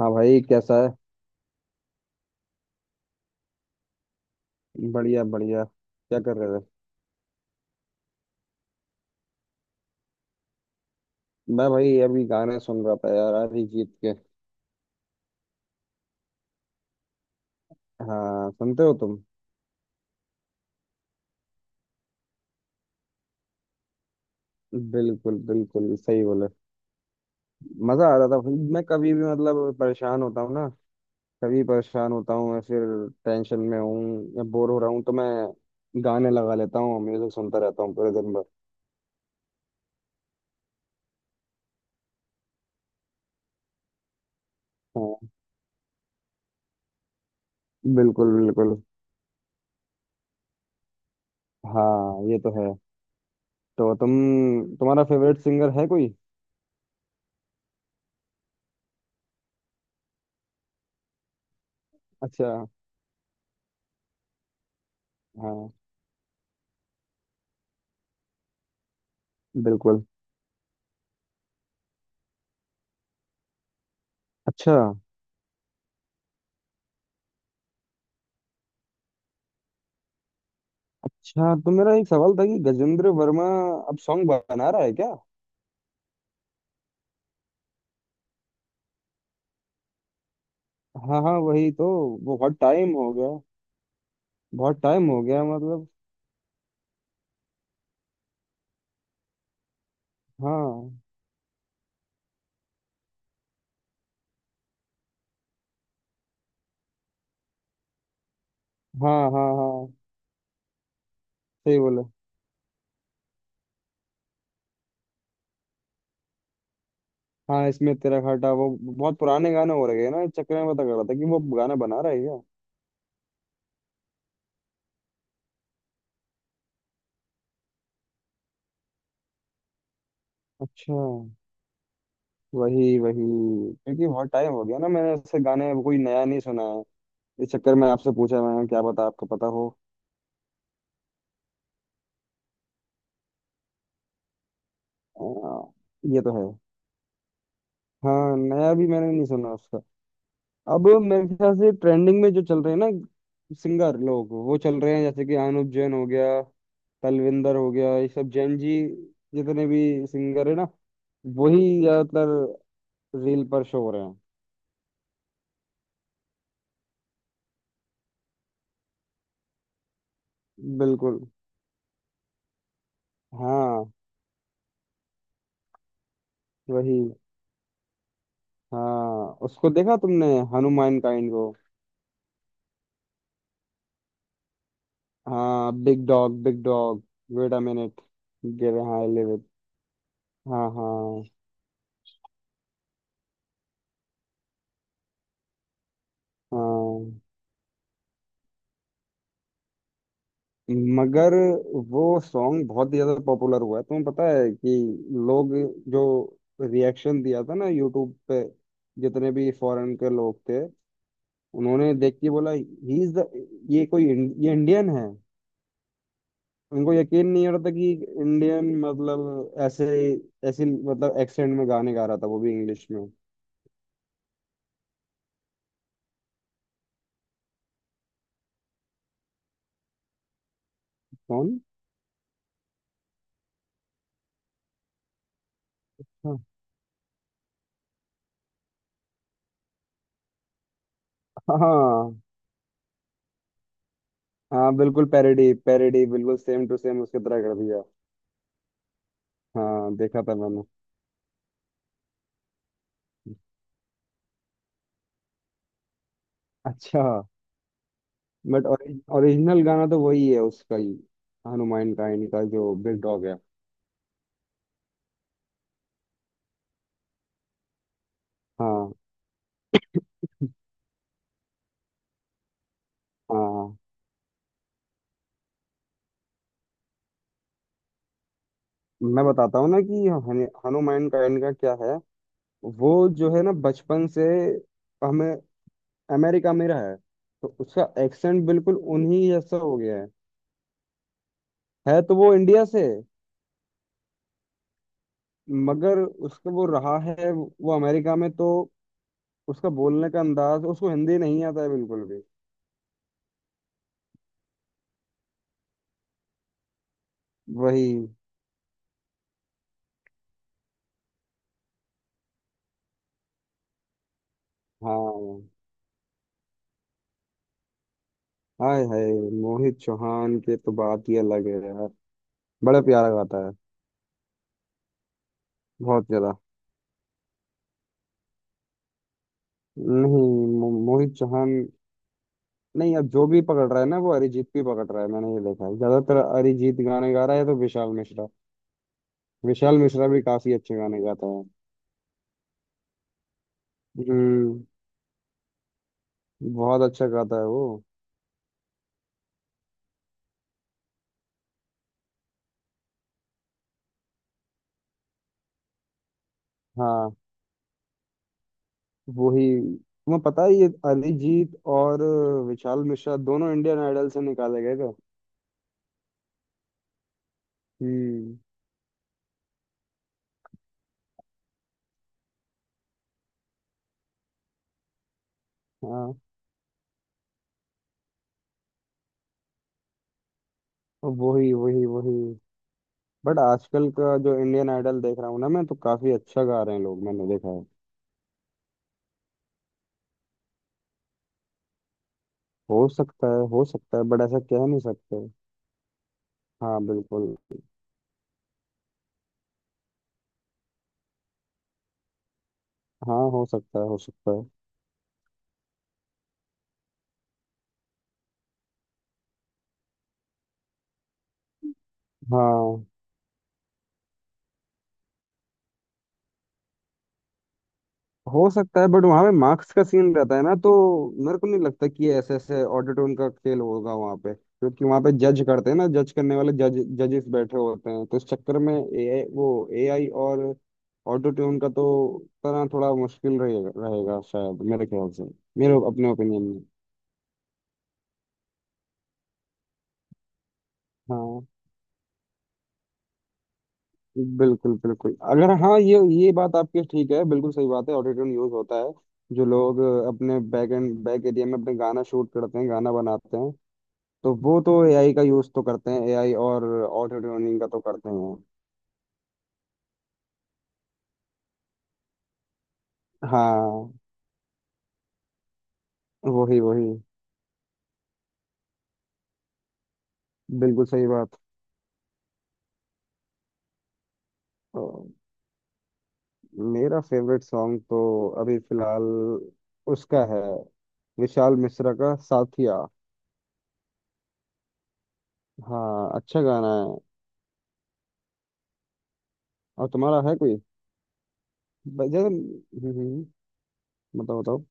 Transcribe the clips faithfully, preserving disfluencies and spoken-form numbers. हाँ भाई कैसा है। बढ़िया बढ़िया क्या कर रहे थे। मैं भाई अभी गाने सुन रहा था यार अरिजीत के। हाँ सुनते हो तुम। बिल्कुल बिल्कुल सही बोले। मजा आ रहा था भाई मैं कभी भी मतलब परेशान होता हूँ ना। कभी परेशान होता हूँ या फिर टेंशन में हूँ या बोर हो रहा हूँ तो मैं गाने लगा लेता हूँ म्यूजिक सुनता रहता हूँ पूरे दिन भर। हाँ। बिल्कुल बिल्कुल। हाँ ये तो है। तो तुम तुम्हारा फेवरेट सिंगर है कोई। अच्छा। हाँ। बिल्कुल। अच्छा अच्छा तो मेरा एक सवाल था कि गजेंद्र वर्मा अब सॉन्ग बना रहा है क्या। हाँ हाँ वही तो। बहुत टाइम हो गया। बहुत टाइम हो गया मतलब। हाँ हाँ हाँ हाँ। सही बोले। हाँ इसमें तेरा घाटा वो बहुत पुराने गाने हो रहे हैं ना इस चक्कर में पता कर रहा था कि वो गाना बना रहा है क्या। अच्छा। वही वही क्योंकि बहुत टाइम हो गया ना मैंने ऐसे गाने कोई नया नहीं सुना है। इस चक्कर में आपसे पूछा मैंने क्या पता आपको पता हो। आ, ये तो है। हाँ नया भी मैंने नहीं सुना उसका। अब मेरे ख्याल से ट्रेंडिंग में जो चल रहे हैं ना सिंगर लोग वो चल रहे हैं जैसे कि अनुप जैन हो गया। तलविंदर हो गया ये सब जैन जी जितने भी सिंगर है ना वही ज्यादातर रील पर शो हो रहे हैं। बिल्कुल। हाँ। वही। हाँ उसको देखा तुमने हनुमान काइंड को। हाँ big dog big dog wait a minute give हाँ लिव इट। हाँ हाँ हाँ। मगर वो सॉन्ग बहुत ही ज्यादा पॉपुलर हुआ है तुम्हें पता है कि लोग जो रिएक्शन दिया था ना यूट्यूब पे जितने भी फॉरेन के लोग थे उन्होंने देख के बोला ही इज द ये कोई इं- ये इंडियन है। उनको यकीन नहीं हो रहा था कि इंडियन मतलब ऐसे ऐसे मतलब एक्सेंट में गाने गा रहा था वो भी इंग्लिश में। कौन। हाँ हाँ। बिल्कुल पैरोडी पैरोडी बिल्कुल सेम टू सेम उसकी तरह कर दिया। हाँ देखा था मैंने। अच्छा। बट ओरिजिनल गाना तो वही है उसका ही हनुमान काइंड का जो बिग डॉग है। हाँ हाँ। हाँ। मैं बताता हूँ ना कि हनु- हनुमान काइंड का क्या है। वो जो है ना बचपन से हमें अमेरिका में रहा है तो उसका एक्सेंट बिल्कुल उन्हीं जैसा हो गया है। है तो वो इंडिया से। मगर उसका वो रहा है वो अमेरिका में तो उसका बोलने का अंदाज उसको हिंदी नहीं आता है बिल्कुल भी। वही। हाँ। हाय हाय मोहित चौहान के तो बात ही अलग है यार बड़ा प्यारा गाता है। बहुत ज्यादा। नहीं मो, मोहित चौहान। नहीं अब जो भी पकड़ रहा है ना वो अरिजीत भी पकड़ रहा है मैंने ये देखा है ज्यादातर अरिजीत गाने गा रहा है तो विशाल मिश्रा। विशाल मिश्रा भी काफी अच्छे गाने गाता है। हम्म। बहुत अच्छा गाता है वो। हाँ। वही। तुम्हें पता है ये अरिजीत और विशाल मिश्रा दोनों इंडियन आइडल से निकाले गए थे। हम्म। हाँ। वही वही वही। बट आजकल का जो इंडियन आइडल देख रहा हूँ ना मैं तो काफी अच्छा गा रहे हैं लोग मैंने देखा है। हो सकता है हो सकता है बट ऐसा कह नहीं सकते। हाँ बिल्कुल। हाँ हो सकता है हो सकता है। हाँ हो सकता है बट वहाँ पे मार्क्स का सीन रहता है ना तो मेरे को नहीं लगता कि ये ऐसे ऐसे ऑटोट्यून का खेल होगा वहाँ पे क्योंकि वहाँ पे जज करते हैं ना जज करने वाले जज जजेस बैठे होते हैं तो इस चक्कर में ए वो एआई और ऑटोट्यून का तो तरह थोड़ा मुश्किल रहेगा रहेगा शायद मेरे ख्याल से मेरे अपने ओपिनियन में। हाँ बिल्कुल बिल्कुल अगर हाँ ये। ये बात आपकी ठीक है बिल्कुल सही बात है ऑटोट्यून यूज होता है जो लोग अ, अपने बैक एंड बैक एरिया में अपने गाना शूट करते हैं गाना बनाते हैं तो वो तो एआई का यूज तो करते हैं एआई और ऑटोट्यूनिंग का तो करते हैं। हाँ। वही वही बिल्कुल सही बात। अ, मेरा फेवरेट सॉन्ग तो अभी फिलहाल उसका है विशाल मिश्रा का साथिया। हाँ अच्छा गाना है। और तुम्हारा है कोई। ब- जैसे हम्म हम्म, बताओ बताओ।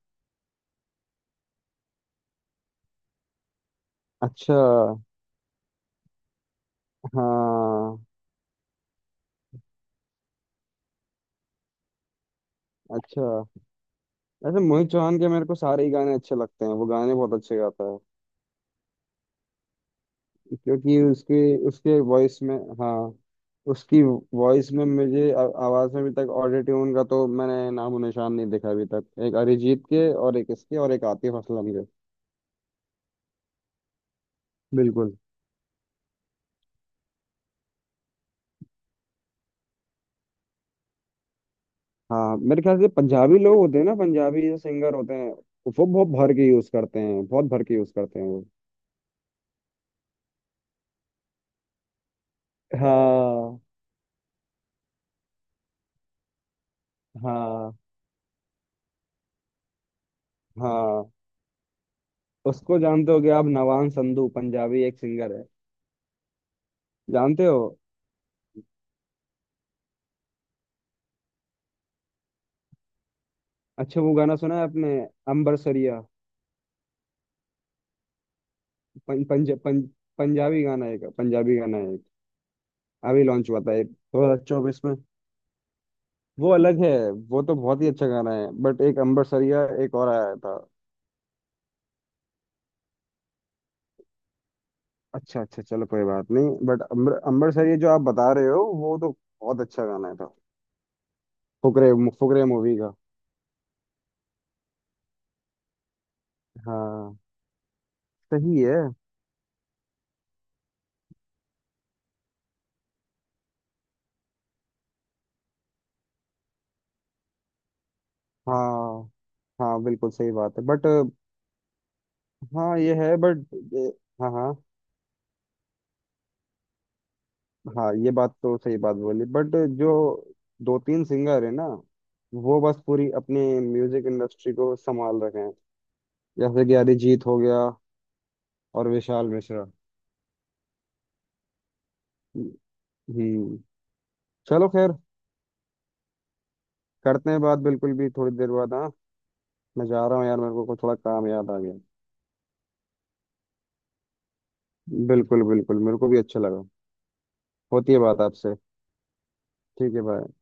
अच्छा। हाँ। अच्छा। ऐसे मोहित चौहान के मेरे को सारे ही गाने अच्छे लगते हैं वो गाने बहुत अच्छे गाता है। क्योंकि उसके उसके वॉइस में। हाँ। उसकी वॉइस में मुझे आ- आवाज में अभी तक ऑटो ट्यून का तो मैंने नामो निशान नहीं देखा अभी तक एक अरिजीत के और एक इसके और एक आतिफ असलम के। बिल्कुल। हाँ मेरे ख्याल से पंजाबी लोग होते हैं ना पंजाबी जो सिंगर होते हैं वो बहुत भर के यूज करते हैं बहुत भर के यूज करते हैं वो। हाँ हाँ हाँ उसको जानते होगे आप नवान संधू पंजाबी एक सिंगर है। जानते हो। अच्छा वो गाना सुना है आपने अंबरसरिया। पं, पंज, पंज, पंजाबी गाना है एक पंजाबी गाना है एक अभी लॉन्च हुआ था एक दो हजार चौबीस में। वो अलग है। वो तो बहुत ही अच्छा गाना है बट एक अंबरसरिया एक और आया था। अच्छा अच्छा चलो कोई बात नहीं बट अंबर अंबरसरिया जो आप बता रहे हो वो तो बहुत अच्छा गाना था। फुकरे फुकरे मूवी का। हाँ। सही है। हाँ हाँ बिल्कुल सही बात है बट। हाँ ये है बट। हाँ हाँ। हाँ ये बात तो सही बात बोली बट जो दो तीन सिंगर है ना वो बस पूरी अपनी म्यूजिक इंडस्ट्री को संभाल रखे हैं जैसे कि अरिजीत हो गया और विशाल मिश्रा। हम्म। चलो खैर करते हैं बात बिल्कुल भी थोड़ी देर बाद हाँ। मैं जा रहा हूँ यार मेरे को कुछ थोड़ा काम याद आ गया। बिल्कुल बिल्कुल मेरे को भी अच्छा लगा। होती है बात आपसे। ठीक है भाई।